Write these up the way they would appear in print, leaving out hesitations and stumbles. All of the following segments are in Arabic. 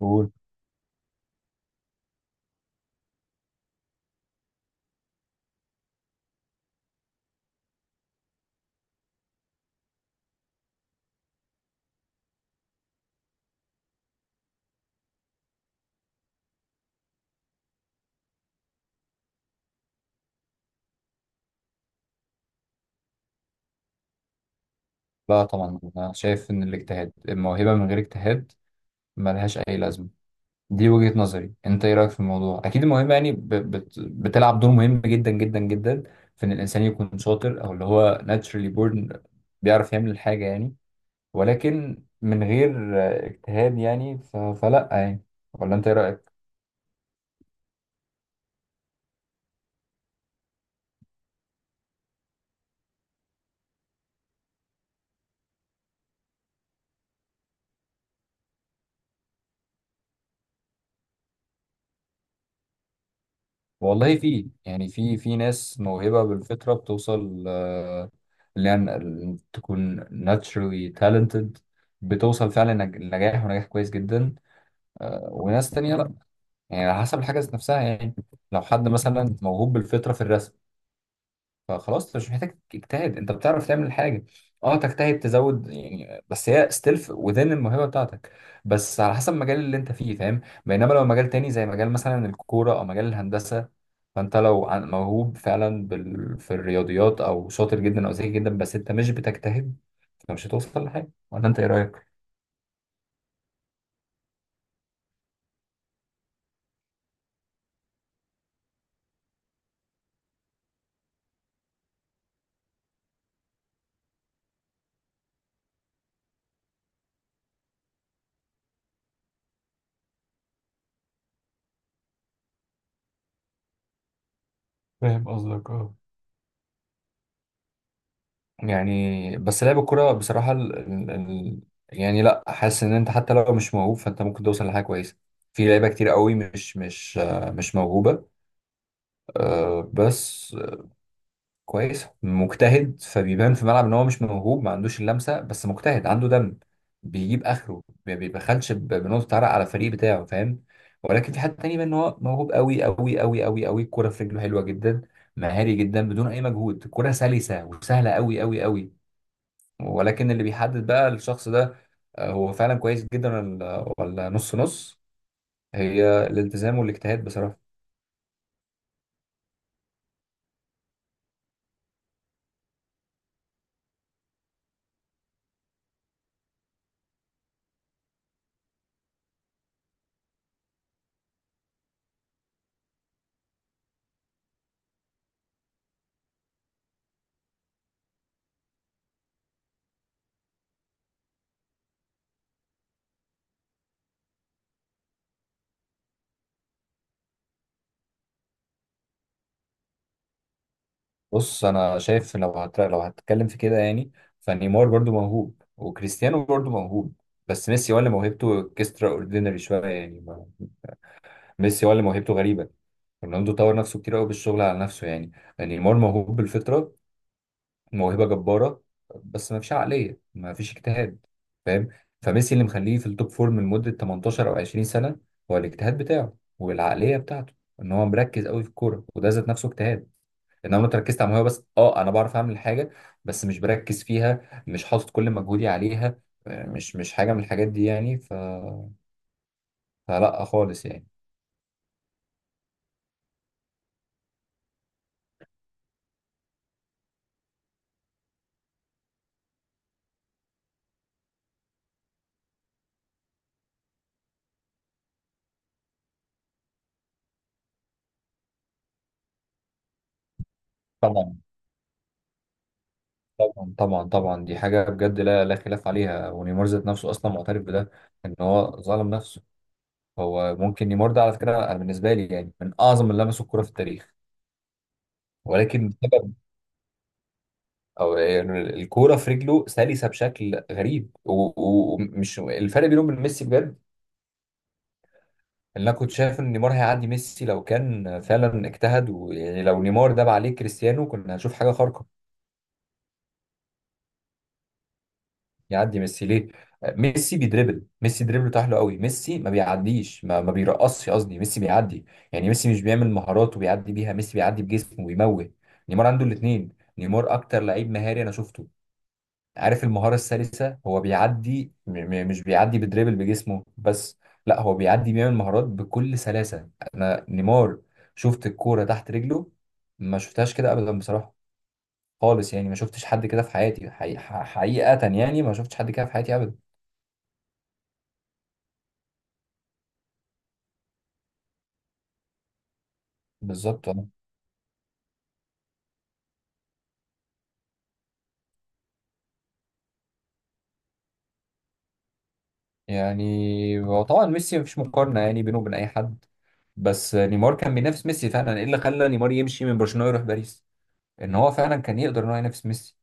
قول. لا طبعا انا شايف ان الاجتهاد، الموهبه من غير اجتهاد ملهاش اي لازمه. دي وجهه نظري، انت ايه رايك في الموضوع؟ اكيد الموهبه بتلعب دور مهم جدا جدا جدا في ان الانسان يكون شاطر، او اللي هو naturally born بيعرف يعمل الحاجه يعني. ولكن من غير اجتهاد فلا. ولا انت ايه رايك؟ والله في يعني في في ناس موهبة بالفطرة بتوصل، اللي يعني تكون naturally talented، بتوصل فعلا لنجاح ونجاح كويس جدا. آه، وناس تانية لا، يعني على حسب الحاجة ذات نفسها يعني. لو حد مثلا موهوب بالفطرة في الرسم فخلاص انت مش محتاج تجتهد، انت بتعرف تعمل حاجه. اه تجتهد تزود يعني، بس هي ستيل وذين الموهبه بتاعتك، بس على حسب المجال اللي انت فيه، فاهم؟ بينما لو مجال تاني زي مجال مثلا الكوره او مجال الهندسه، فانت لو موهوب فعلا في الرياضيات او شاطر جدا او ذكي جدا بس انت مش بتجتهد فمش هتوصل لحاجه. ولا انت ايه رايك؟ فاهم قصدك، اه. يعني بس لعب الكرة بصراحة، يعني لا، حاسس ان انت حتى لو مش موهوب فانت ممكن توصل لحاجة كويسة. في لعيبة كتير قوي مش موهوبة، بس كويس مجتهد، فبيبان في الملعب ان هو مش موهوب، ما عندوش اللمسة، بس مجتهد، عنده دم، بيجيب اخره، ما بيبخلش بنقطة عرق على الفريق بتاعه، فاهم؟ ولكن في حد تاني بيبان ان هو موهوب قوي قوي قوي قوي قوي، الكرة في رجله حلوة جدا، مهاري جدا، بدون اي مجهود الكرة سلسة وسهلة قوي قوي قوي. ولكن اللي بيحدد بقى الشخص ده، آه، هو فعلا كويس جدا ولا ولا نص نص، هي الالتزام والاجتهاد بصراحة. بص انا شايف، لو هتتكلم في كده يعني، فنيمار برضو موهوب، وكريستيانو برضو موهوب، بس ميسي ولا موهبته اكسترا اوردينري شوية ميسي ولا موهبته غريبة. رونالدو طور نفسه كتير قوي بالشغل على نفسه يعني. نيمار موهوب بالفطرة، موهبه جباره، بس ما فيش عقليه، ما فيش اجتهاد، فاهم؟ فميسي اللي مخليه في التوب فورم لمده 18 او 20 سنه هو الاجتهاد بتاعه والعقليه بتاعته، ان هو مركز قوي في الكوره، وده ذات نفسه اجتهاد. ان انا ركزت على الموهبه بس، اه انا بعرف اعمل حاجه بس مش بركز فيها، مش حاطط كل مجهودي عليها، آه، مش حاجه من الحاجات دي يعني، فلا خالص يعني. طبعا طبعا طبعا طبعا، دي حاجه بجد لا لا خلاف عليها، ونيمار ذات نفسه اصلا معترف بده، ان هو ظلم نفسه. هو ممكن نيمار ده على فكره انا بالنسبه لي يعني من اعظم اللي لمسوا الكوره في التاريخ، ولكن بسبب، او يعني الكوره في رجله سلسه بشكل غريب، ومش الفرق بينهم وبين ميسي بجد، ان انا كنت شايف ان نيمار هيعدي ميسي لو كان فعلا اجتهد، ويعني لو نيمار داب عليه كريستيانو كنا هنشوف حاجه خارقه. يعدي ميسي ليه؟ آه، ميسي بيدربل، ميسي دريبله حلو قوي، ميسي ما بيعديش، ما بيرقصش قصدي، ميسي بيعدي، يعني ميسي مش بيعمل مهارات وبيعدي بيها، ميسي بيعدي بجسمه وبيموه. نيمار عنده الاثنين. نيمار اكتر لعيب مهاري انا شفته، عارف المهارة السلسة، هو بيعدي، م م مش بيعدي بدريبل بجسمه بس، لا هو بيعدي، بيعمل مهارات بكل سلاسة. انا نيمار شفت الكورة تحت رجله، ما شفتهاش كده ابدا بصراحة خالص يعني، ما شفتش حد كده في حياتي، حقيقة حقيقة يعني ما شفتش حد كده في حياتي ابدا. بالظبط اه. يعني هو طبعا ميسي مفيش مقارنة يعني بينه وبين أي حد، بس نيمار كان بينافس ميسي فعلا. إيه اللي خلى نيمار يمشي من برشلونة يروح باريس؟ إن هو فعلا كان يقدر إن هو ينافس ميسي،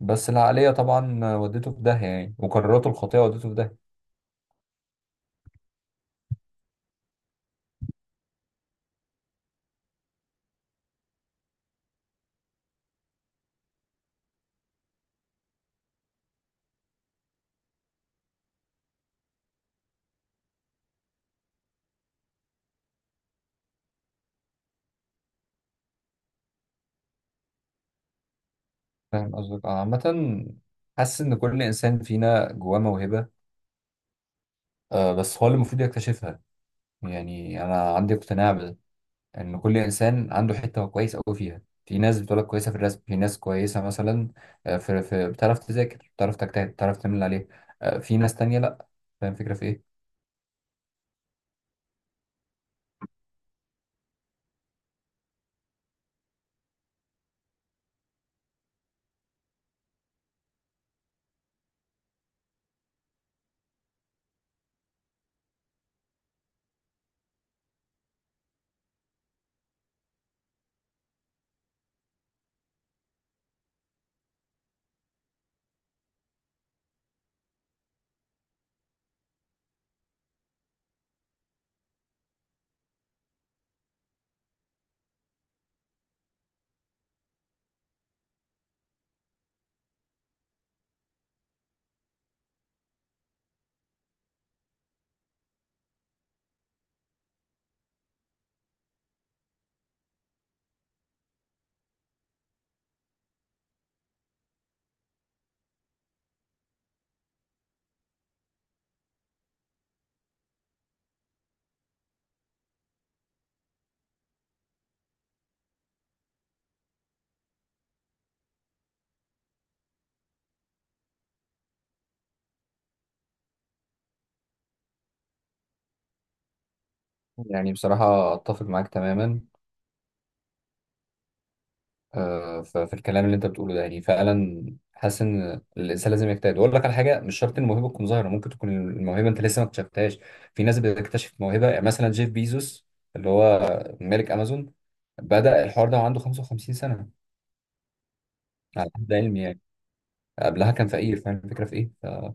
بس العقلية طبعا ودته في داهية يعني، وقراراته الخاطئة ودته في داهية. فاهم قصدك. آه، عامة حاسس إن كل إنسان فينا جواه موهبة، آه، بس هو اللي المفروض يكتشفها. يعني أنا عندي اقتناع ان كل انسان عنده حته هو كويس قوي فيها. في ناس بتقولك كويسه في الرسم، في ناس كويسه مثلا آه، في بتعرف تذاكر، بتعرف تجتهد، بتعرف تعمل اللي عليه، آه، في ناس تانية لا. فاهم الفكره في ايه؟ يعني بصراحه اتفق معاك تماما آه، في الكلام اللي انت بتقوله ده، يعني فعلا حاسس ان الانسان لازم يجتهد. واقول لك على حاجه، مش شرط الموهبه تكون ظاهره، ممكن تكون الموهبه انت لسه ما اكتشفتهاش. في ناس بتكتشف موهبه، يعني مثلا جيف بيزوس اللي هو مالك امازون بدأ الحوار ده وعنده 55 سنه على حد علمي يعني. قبلها كان فقير. فاهم الفكره في ايه؟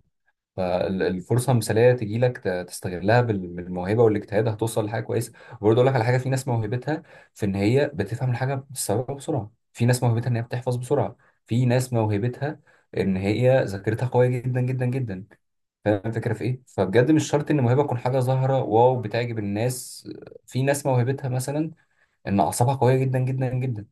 فالفرصه مثاليه تجي لك، تستغلها بالموهبه والاجتهاد هتوصل لحاجه كويسه. وبرضه اقول لك على حاجه، في ناس موهبتها في ان هي بتفهم الحاجه بتستوعبها بسرعه، في ناس موهبتها ان هي بتحفظ بسرعه، في ناس موهبتها ان هي ذاكرتها قويه جدا جدا جدا. فاهم الفكره في ايه؟ فبجد مش شرط ان الموهبه تكون حاجه ظاهره واو بتعجب الناس. في ناس موهبتها مثلا ان اعصابها قويه جدا جدا جدا.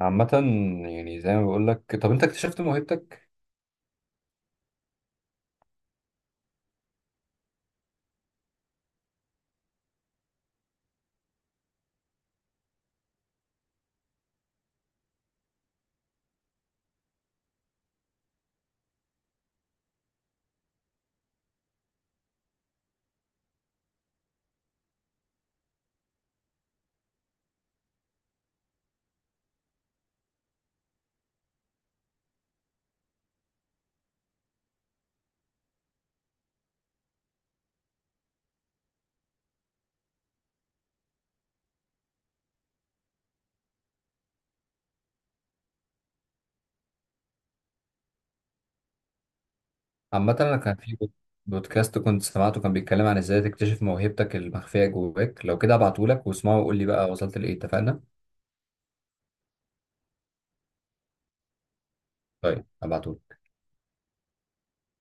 عامة يعني زي ما بقول لك، طب انت اكتشفت موهبتك؟ عامة أنا كان في بودكاست كنت سمعته كان بيتكلم عن إزاي تكتشف موهبتك المخفية جواك، لو كده أبعتهولك واسمعه وقول لي بقى وصلت لإيه، اتفقنا؟ طيب أبعتهولك.